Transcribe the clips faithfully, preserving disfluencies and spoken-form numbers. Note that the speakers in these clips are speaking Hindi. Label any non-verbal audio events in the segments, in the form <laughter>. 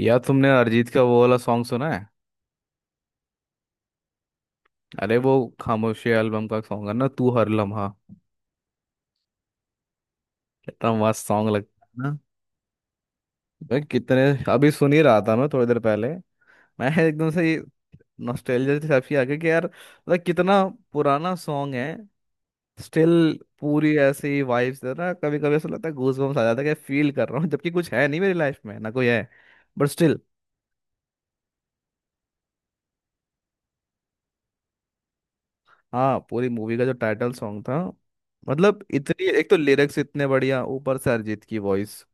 या तुमने अरिजीत का वो वाला सॉन्ग सुना है? अरे, वो खामोशी एल्बम का सॉन्ग है ना, तू हर लम्हा। कितना मस्त सॉन्ग लगता है ना। मैं कितने अभी सुन ही रहा था, मैं थोड़ी देर पहले। मैं एकदम से ये, नॉस्टैल्जिया से काफी आ गया कि यार मतलब कितना पुराना सॉन्ग है। स्टिल पूरी ऐसी वाइब्स दे रहा है ना। कभी कभी ऐसा लगता है, गूज बम्स आ जाता है कि फील कर रहा हूँ जबकि कुछ है नहीं मेरी लाइफ में, ना कोई है। But still. हाँ, पूरी मूवी का जो टाइटल सॉन्ग था। मतलब इतनी, एक तो लिरिक्स इतने बढ़िया, ऊपर से अरिजीत की वॉइस।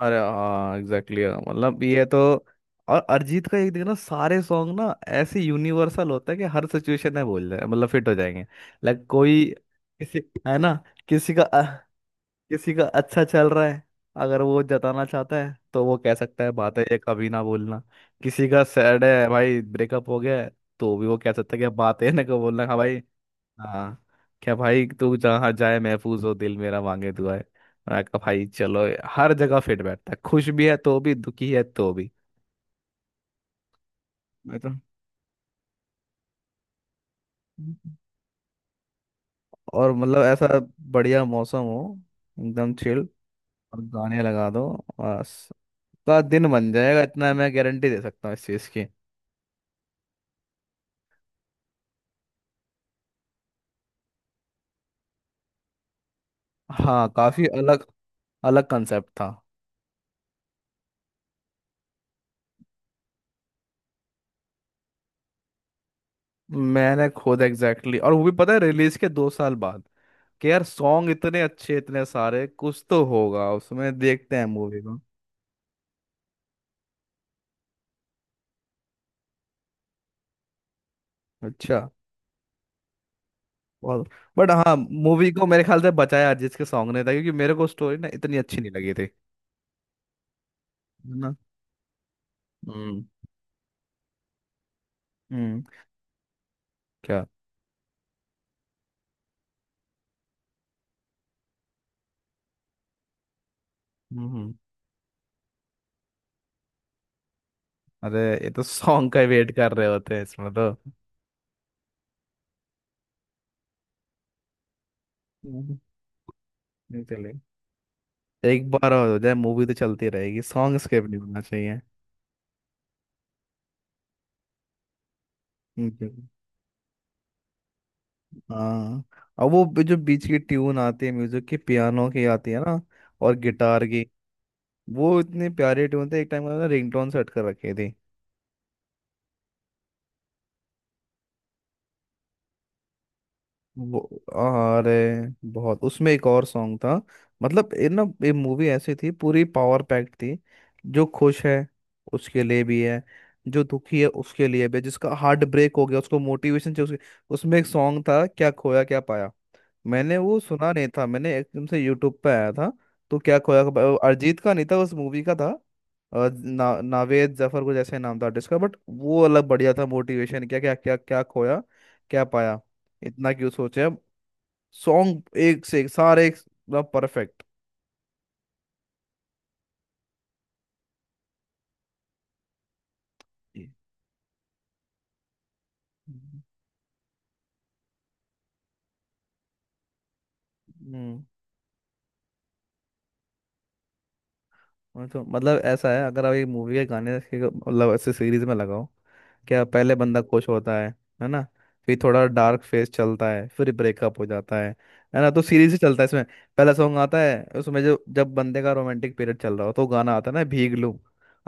अरे हाँ, एग्जैक्टली exactly, हाँ। मतलब ये तो। और अरिजीत का, एक देखना सारे सॉन्ग ना ऐसे यूनिवर्सल होता है कि हर सिचुएशन में बोल जाए, मतलब फिट हो जाएंगे। लाइक कोई, किसी है ना, किसी का अ, किसी का अच्छा चल रहा है, अगर वो जताना चाहता है तो वो कह सकता है बात है ये कभी ना बोलना। किसी का सैड है, भाई ब्रेकअप हो गया है, तो भी वो कह सकता है कि बात है <laughs> ना को बोलना। हाँ भाई। हाँ, क्या भाई तू जहाँ जाए महफूज हो, दिल मेरा मांगे दुआ है। मैं कहा भाई चलो। हर जगह फिट बैठता है, खुश भी है तो भी, दुखी है तो भी। मैं तो, और मतलब ऐसा बढ़िया मौसम हो, एकदम चिल, और गाने लगा दो, बस, का दिन बन जाएगा इतना, मैं गारंटी दे सकता हूँ इस चीज़ की। हाँ, काफी अलग, अलग कंसेप्ट था। मैंने खुद एग्जैक्टली exactly, और वो भी पता है रिलीज के दो साल बाद कि यार सॉन्ग इतने अच्छे, इतने सारे, कुछ तो होगा उसमें, देखते हैं मूवी को। अच्छा। बहुत। बट हाँ, मूवी को मेरे ख्याल से बचाया जिसके सॉन्ग ने था, क्योंकि मेरे को स्टोरी ना इतनी अच्छी नहीं लगी थी। है ना। हम्म। हम्म। क्या। हम्म। हम्म। अरे, ये तो सॉन्ग का वेट कर रहे होते हैं इसमें तो। हम्म, नहीं चले, एक बार और हो जाए मूवी तो चलती रहेगी, सॉन्ग स्किप नहीं होना चाहिए। नहीं चले। हाँ, और वो भी जो बीच की ट्यून आती है म्यूजिक की, पियानो की आती है ना, और गिटार की, वो इतनी प्यारी ट्यून थी, एक टाइम उन्होंने रिंगटोन सेट कर रखी थी। वो, अरे बहुत, उसमें एक और सॉन्ग था। मतलब ये ना, ये मूवी ऐसी थी, पूरी पावर पैक्ड थी। जो खुश है उसके लिए भी है, जो दुखी है उसके लिए भी है, जिसका हार्ट ब्रेक हो गया उसको मोटिवेशन चाहिए उसके। उसमें एक सॉन्ग था, क्या खोया क्या पाया। मैंने वो सुना नहीं था, मैंने एकदम से यूट्यूब पे आया था। तो क्या खोया खब- अ, अरिजीत का नहीं था, उस मूवी का था। अ, ना, नावेद जफर को जैसे नाम था आर्टिस्ट का, बट वो अलग बढ़िया था, मोटिवेशन, क्या क्या क्या क्या खोया क्या पाया, इतना क्यों सोचे अब। सॉन्ग एक से एक सारे, एक मतलब परफेक्ट। हम्म। मैं तो मतलब ऐसा है, अगर आप एक मूवी के गाने के मतलब ऐसे सीरीज में लगाओ, क्या पहले बंदा खुश होता है है ना, फिर थोड़ा डार्क फेस चलता है, फिर ब्रेकअप हो जाता है है ना, तो सीरीज ही चलता है इसमें। पहला सॉन्ग आता है उसमें जो, जब बंदे का रोमांटिक पीरियड चल रहा हो तो गाना आता है ना, भीग लूं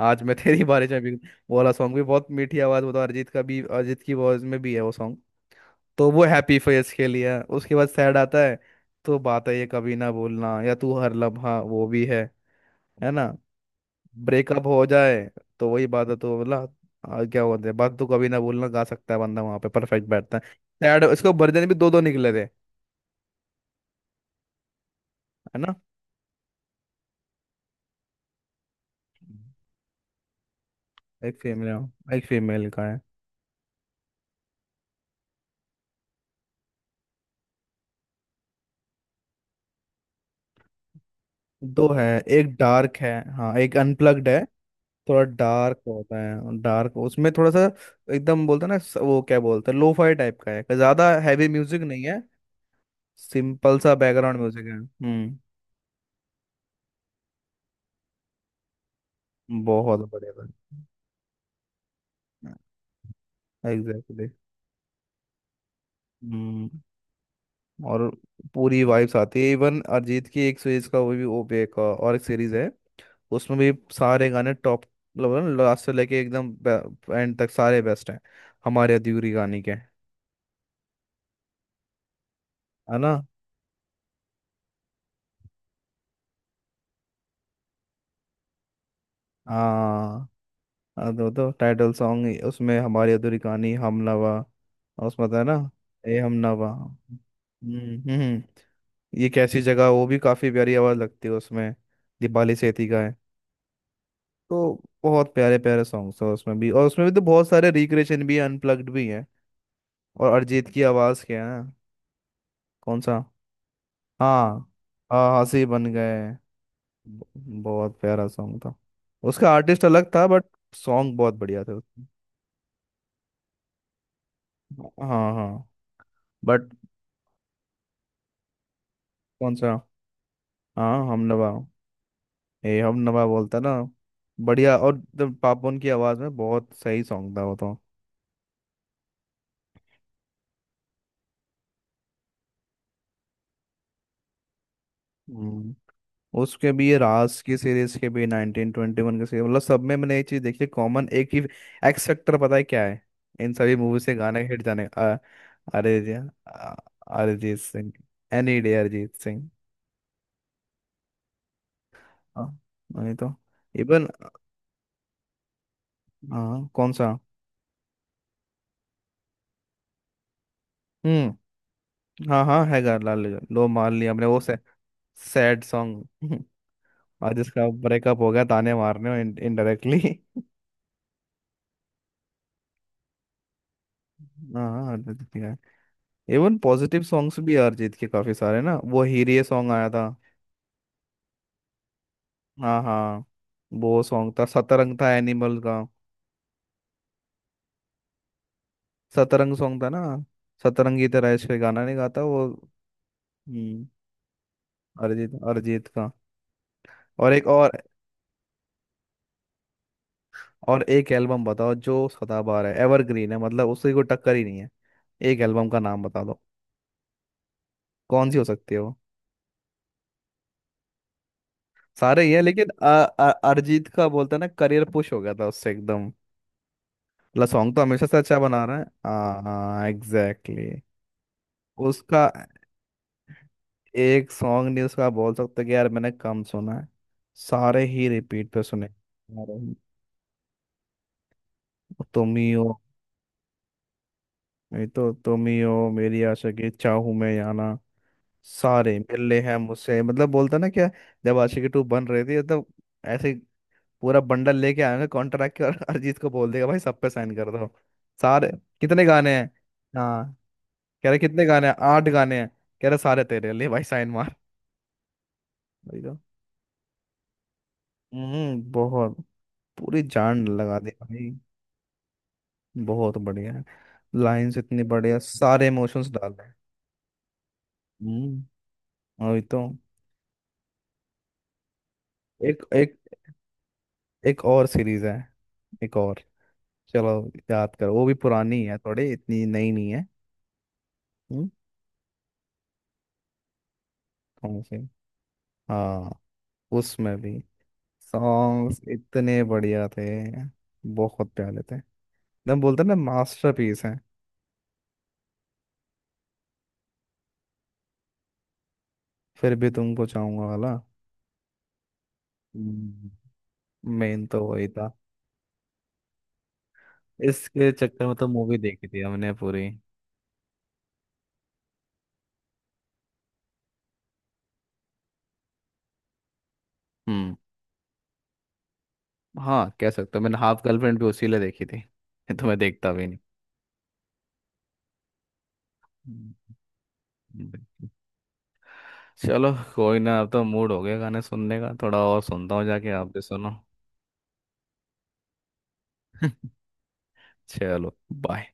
आज मैं <laughs> तेरी बारिश में भीग लूं। वो वाला सॉन्ग भी बहुत मीठी आवाज, वो तो अरिजीत का भी, अरिजीत की वॉइस में भी है वो सॉन्ग। तो वो हैप्पी फेस के लिए है। उसके बाद सैड आता है, तो बात है ये कभी ना भूलना या तू हर लम्हा वो भी है है ना। ब्रेकअप हो जाए, तो वही बात है तो बोला, आ, क्या बोलते हैं, बात तो कभी ना बोलना गा सकता है बंदा, वहां पे परफेक्ट बैठता है। सैड इसको वर्जन भी दो दो निकले थे, है ना। एक फीमेल है, एक फीमेल का है। दो है, एक डार्क है, हाँ एक अनप्लग्ड है। थोड़ा डार्क होता है, डार्क उसमें थोड़ा सा। एकदम बोलते हैं ना, स- वो क्या बोलते हैं, लोफाई टाइप का है, ज्यादा हैवी म्यूजिक नहीं है, सिंपल सा बैकग्राउंड म्यूजिक है। हम्म, बहुत बढ़िया, एग्जैक्टली। और पूरी वाइब्स आती है इवन। अरिजीत की एक सीरीज का वो भी ओ बे का, और एक सीरीज है उसमें भी सारे गाने टॉप, मतलब लास्ट से लेके एकदम एंड तक सारे बेस्ट हैं, हमारे अधूरी कहानी के, है ना। हाँ हाँ, तो, तो टाइटल सॉन्ग उसमें, हमारी अधूरी कहानी, हम नवा। और उसमें था ना, ए हम नवा। हम्म। हम्म हम्म। ये कैसी जगह, वो भी काफी प्यारी आवाज लगती है उसमें, दीपाली सेठी का है। तो बहुत प्यारे प्यारे सॉन्ग्स हैं उसमें भी, और उसमें भी तो बहुत सारे रिक्रिएशन भी, अनप्लग्ड भी हैं, और अरिजीत की आवाज़ क्या है। कौन सा। हाँ हाँ, हंसी बन गए, ब- बहुत प्यारा सॉन्ग था। उसका आर्टिस्ट अलग था, बट सॉन्ग बहुत बढ़िया थे उसके। हाँ हाँ, बट। कौन सा, हाँ हमनवा, ए हमनवा बोलता ना। बढ़िया, और जब पापोन की आवाज़ में, बहुत सही सॉन्ग था वो तो। हम्म। उसके भी, ये राज की सीरीज के भी, नाइनटीन ट्वेंटी वन के सीरीज, मतलब सब में मैंने एक चीज देखी है कॉमन एक ही, एक्स फैक्टर पता है क्या है, इन सभी मूवी से गाने हिट जाने अ- अरे जी, अ- अरिजीत सिंह। Any day Arijit Singh. हाँ, नहीं तो इवन। हाँ, कौन सा। हम्म। हाँ हाँ, है गा लाल, लो मान लिया हमने, वो से, सैड सॉन्ग <laughs> और जिसका ब्रेकअप <laughs> हो गया, ताने मारने इनडायरेक्टली। <laughs> हाँ हाँ, अरिजीत सिंह है। इवन पॉजिटिव सॉन्ग्स भी है अरिजीत के काफी सारे ना, वो हीरे सॉन्ग आया था। हाँ हाँ, वो सॉन्ग था, सतरंग था एनिमल का, सतरंग सॉन्ग था ना, सतरंगी तरह इश्क गाना नहीं गाता वो। हम्म, अरिजीत अरिजीत का। और एक और और एक एल्बम बताओ जो सदाबहार है, एवरग्रीन है, मतलब उसकी कोई टक्कर ही नहीं है। एक एल्बम का नाम बता दो, कौन सी हो सकती है वो। सारे ही है लेकिन अ- अ- अरिजीत का बोलते हैं ना, करियर पुश हो गया था उससे एकदम, मतलब सॉन्ग तो हमेशा से अच्छा बना रहा है, हाँ हाँ एग्जैक्टली। उसका एक सॉन्ग नहीं उसका बोल सकते कि यार मैंने कम सुना है, सारे ही रिपीट पे सुने सारे ही। तुम ही हो, नहीं तो तुम ही हो, मेरी आशिकी, चाहूं मैं या ना, सारे मिल ले हैं मुझसे, मतलब बोलता ना क्या। जब आशिकी टू बन रही थी तो ऐसे पूरा बंडल लेके आएंगे कॉन्ट्रैक्ट के, और <laughs> अरिजीत को बोल देगा भाई सब पे साइन कर दो, सारे। कितने गाने हैं। हाँ, कह रहे कितने गाने हैं, आठ गाने हैं, कह रहे सारे तेरे ले भाई, साइन मार। वही तो। हम्म, बहुत, पूरी जान लगा दे भाई। बहुत बढ़िया है, लाइंस इतनी बढ़िया, सारे इमोशंस डाल रहे हैं। हम्म, वही तो। एक एक एक और सीरीज है, एक और। चलो याद करो, वो भी पुरानी है थोड़ी, इतनी नई नहीं है। हम्म। कौन सी। हाँ, उसमें भी सॉन्ग्स इतने बढ़िया थे, बहुत प्यारे थे, एकदम बोलते हैं ना, मास्टरपीस है। फिर भी तुमको चाहूंगा वाला, मेन तो वही था। इसके चक्कर में तो मूवी देखी थी हमने पूरी। हम्म। हाँ, कह सकते हो, मैंने हाफ गर्लफ्रेंड भी उसी लिए देखी थी, <laughs> तो मैं देखता भी नहीं। हम्म, हम्म। चलो कोई ना, अब तो मूड हो गया गाने सुनने का, थोड़ा और सुनता हूँ जाके, आप भी सुनो। चलो, बाय।